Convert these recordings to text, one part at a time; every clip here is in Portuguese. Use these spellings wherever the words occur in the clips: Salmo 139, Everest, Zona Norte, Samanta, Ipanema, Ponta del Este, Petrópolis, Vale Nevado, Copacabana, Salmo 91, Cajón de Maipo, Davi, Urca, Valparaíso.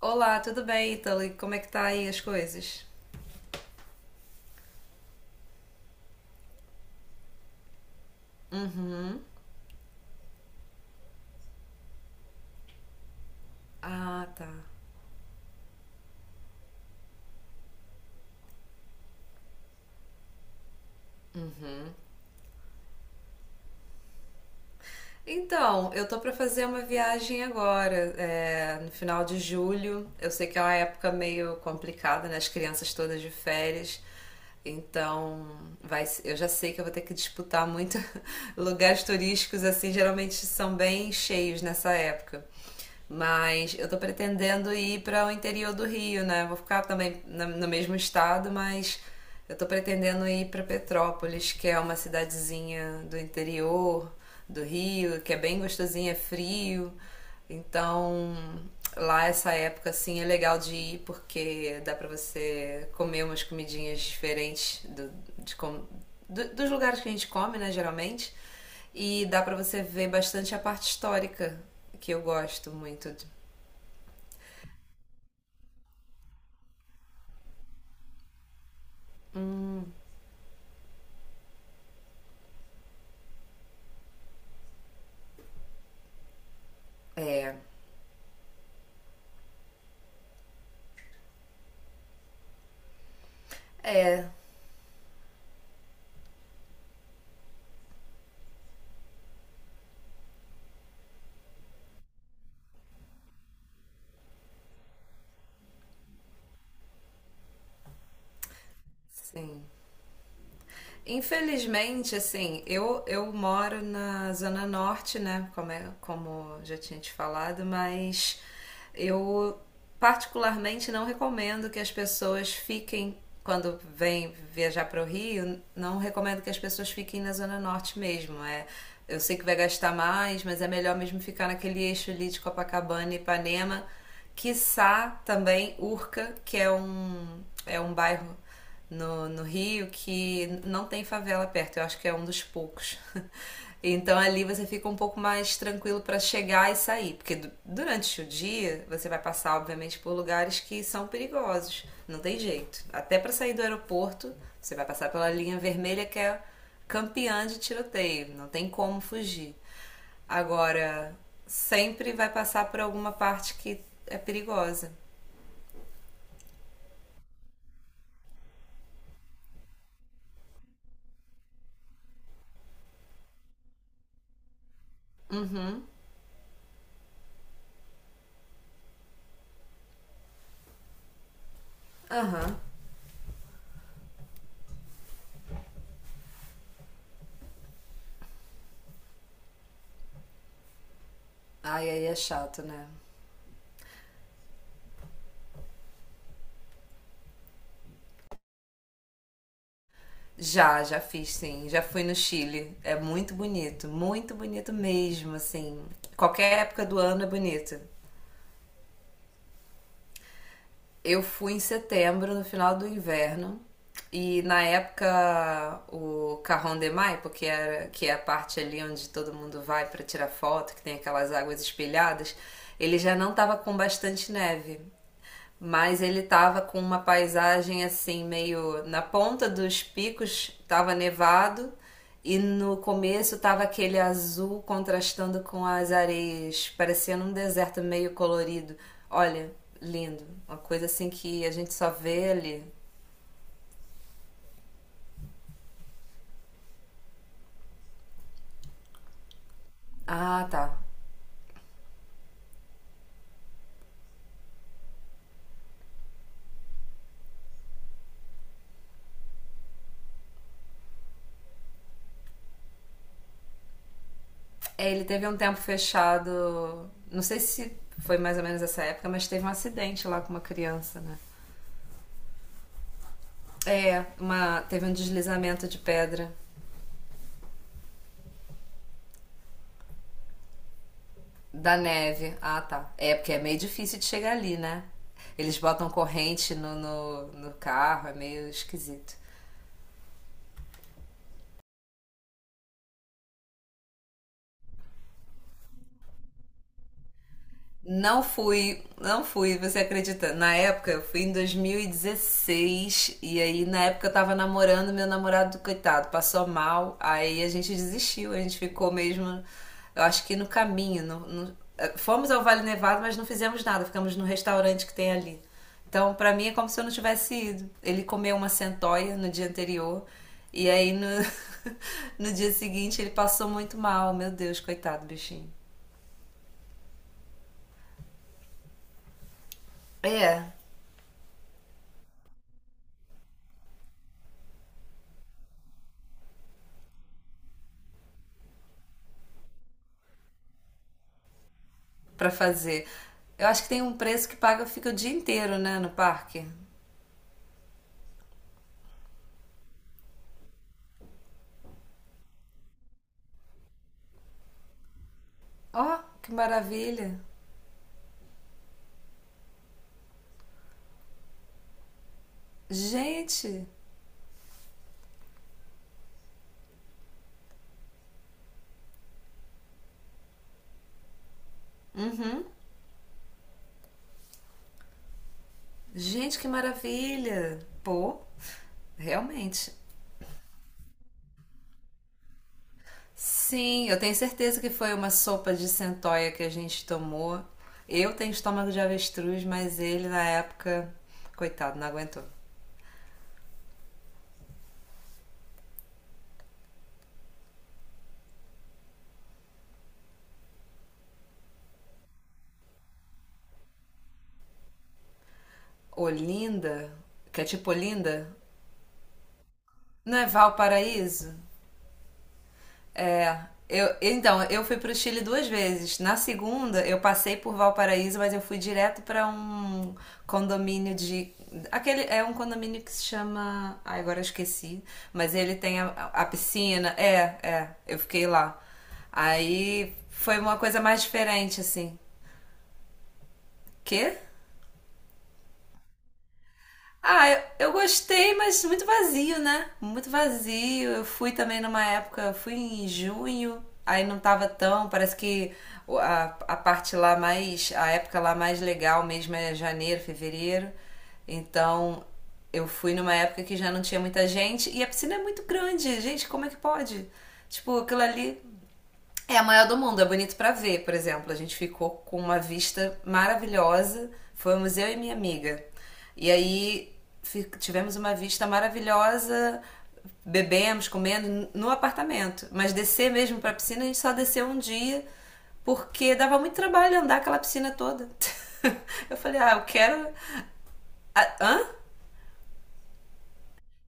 Olá, tudo bem, Italy? Como é que tá aí as coisas? Uhum. Ah, tá. Então, eu tô pra fazer uma viagem agora, é, no final de julho. Eu sei que é uma época meio complicada, né? As crianças todas de férias. Então, vai, eu já sei que eu vou ter que disputar muito lugares turísticos, assim, geralmente são bem cheios nessa época. Mas eu tô pretendendo ir para o interior do Rio, né? Vou ficar também no mesmo estado, mas eu tô pretendendo ir para Petrópolis, que é uma cidadezinha do interior do Rio, que é bem gostosinha, é frio. Então, lá essa época assim é legal de ir porque dá pra você comer umas comidinhas diferentes do, de como- do- dos lugares que a gente come, né, geralmente. E dá pra você ver bastante a parte histórica, que eu gosto muito. Sim. Infelizmente, assim, eu moro na Zona Norte, né? Como já tinha te falado, mas eu particularmente não recomendo que as pessoas fiquem, quando vêm viajar para o Rio, não recomendo que as pessoas fiquem na Zona Norte mesmo. É, eu sei que vai gastar mais, mas é melhor mesmo ficar naquele eixo ali de Copacabana e Ipanema, quiçá também Urca, que é um bairro no Rio que não tem favela perto. Eu acho que é um dos poucos. Então ali você fica um pouco mais tranquilo para chegar e sair, porque durante o dia você vai passar, obviamente, por lugares que são perigosos, não tem jeito. Até para sair do aeroporto, você vai passar pela linha vermelha que é campeã de tiroteio, não tem como fugir. Agora, sempre vai passar por alguma parte que é perigosa. Aham. Ai, aí é chato, né? Já, já fiz, sim. Já fui no Chile. É muito bonito mesmo, assim. Qualquer época do ano é bonito. Eu fui em setembro, no final do inverno, e na época o Cajón de Maipo, que era, que é a parte ali onde todo mundo vai para tirar foto, que tem aquelas águas espelhadas, ele já não estava com bastante neve. Mas ele tava com uma paisagem assim, meio na ponta dos picos, tava nevado e no começo tava aquele azul contrastando com as areias, parecendo um deserto meio colorido. Olha, lindo. Uma coisa assim que a gente só vê ali. Ah, tá. É, ele teve um tempo fechado. Não sei se foi mais ou menos essa época, mas teve um acidente lá com uma criança, né? É, teve um deslizamento de pedra da neve. Ah, tá. É, porque é meio difícil de chegar ali, né? Eles botam corrente no carro, é meio esquisito. Não fui, não fui, você acredita? Na época, eu fui em 2016 e aí na época eu tava namorando, meu namorado, coitado, passou mal, aí a gente desistiu, a gente ficou mesmo, eu acho que no caminho, fomos ao Vale Nevado, mas não fizemos nada, ficamos no restaurante que tem ali. Então, pra mim é como se eu não tivesse ido. Ele comeu uma centoia no dia anterior e aí no, no dia seguinte ele passou muito mal, meu Deus, coitado do bichinho. É, pra fazer. Eu acho que tem um preço que paga, fica o dia inteiro, né, no parque. Ó, que maravilha. Gente, gente, que maravilha. Pô, realmente. Sim, eu tenho certeza que foi uma sopa de centoia que a gente tomou. Eu tenho estômago de avestruz, mas ele na época, coitado, não aguentou. Olinda, que é tipo Olinda, não é Valparaíso? É, eu, então, eu fui para o Chile duas vezes. Na segunda, eu passei por Valparaíso, mas eu fui direto para um condomínio de. Aquele é um condomínio que se chama. Ai, agora eu esqueci. Mas ele tem a piscina. É, é. Eu fiquei lá. Aí foi uma coisa mais diferente, assim. Quê? Ah, eu gostei, mas muito vazio, né? Muito vazio. Eu fui também numa época, fui em junho, aí não tava tão, parece que a parte lá mais, a época lá mais legal mesmo é janeiro, fevereiro. Então, eu fui numa época que já não tinha muita gente e a piscina é muito grande. Gente, como é que pode? Tipo, aquilo ali é a maior do mundo, é bonito pra ver, por exemplo. A gente ficou com uma vista maravilhosa. Fomos eu e minha amiga. E aí tivemos uma vista maravilhosa, bebemos, comendo no apartamento. Mas descer mesmo pra piscina, a gente só desceu um dia, porque dava muito trabalho andar aquela piscina toda. Eu falei, ah, eu quero. Ah, hã?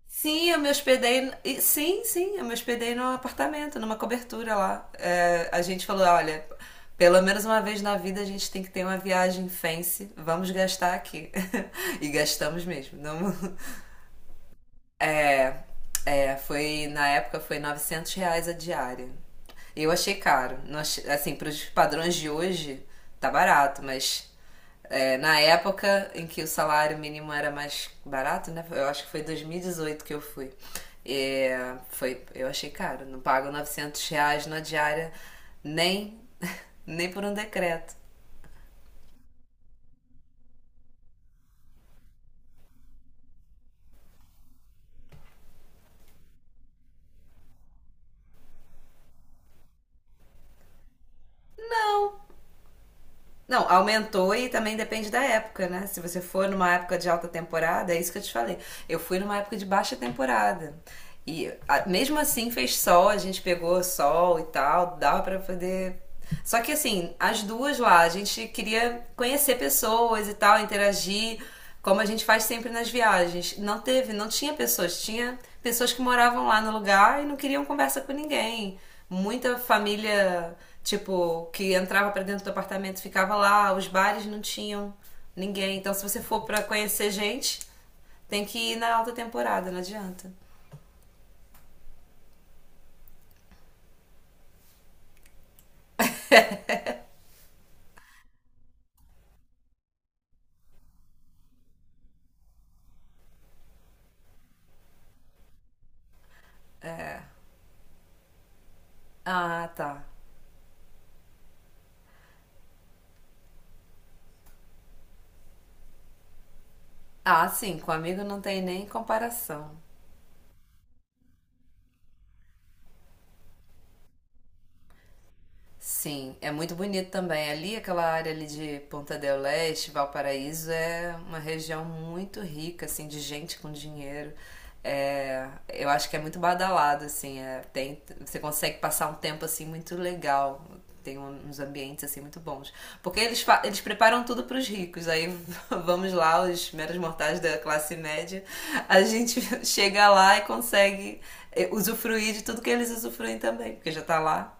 Sim, eu me hospedei. Sim, sim, eu me hospedei num apartamento, numa cobertura lá. É, a gente falou: olha, pelo menos uma vez na vida a gente tem que ter uma viagem fancy, vamos gastar aqui. E gastamos mesmo. Não, é, foi na época foi R$ 900 a diária. Eu achei caro. Não achei- assim, para os padrões de hoje, tá barato, mas é, na época em que o salário mínimo era mais barato, né? Eu acho que foi 2018 que eu fui. É, foi, eu achei caro. Não pago R$ 900 na diária nem, nem por um decreto. Não, Não, aumentou e também depende da época, né? Se você for numa época de alta temporada, é isso que eu te falei. Eu fui numa época de baixa temporada. E mesmo assim fez sol, a gente pegou sol e tal, dava pra poder. Só que assim, as duas lá, a gente queria conhecer pessoas e tal, interagir, como a gente faz sempre nas viagens. Não teve, não tinha pessoas, tinha pessoas que moravam lá no lugar e não queriam conversa com ninguém. Muita família, tipo, que entrava pra dentro do apartamento ficava lá, os bares não tinham ninguém. Então, se você for pra conhecer gente, tem que ir na alta temporada, não adianta. Ah, tá. Ah, sim, com amigo não tem nem comparação. Sim, é muito bonito também. Ali, aquela área ali de Ponta del Este, Valparaíso, é uma região muito rica, assim, de gente com dinheiro. É, eu acho que é muito badalado, assim, é, tem, você consegue passar um tempo, assim, muito legal. Tem uns ambientes, assim, muito bons. Porque eles preparam tudo para os ricos. Aí vamos lá, os meros mortais da classe média, a gente chega lá e consegue usufruir de tudo que eles usufruem também, porque já tá lá.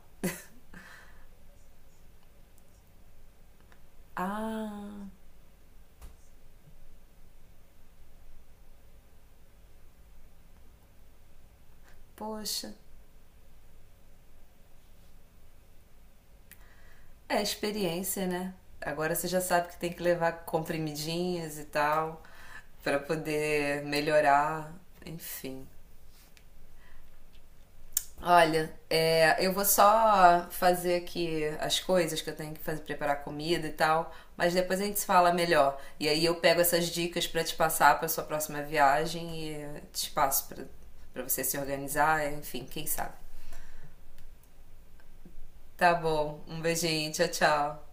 Ah, Poxa, é experiência, né? Agora você já sabe que tem que levar comprimidinhos e tal para poder melhorar, enfim. Olha, é, eu vou só fazer aqui as coisas que eu tenho que fazer, preparar comida e tal, mas depois a gente se fala melhor. E aí eu pego essas dicas para te passar para sua próxima viagem e te passo para você se organizar, enfim, quem sabe. Tá bom, um beijinho, tchau, tchau.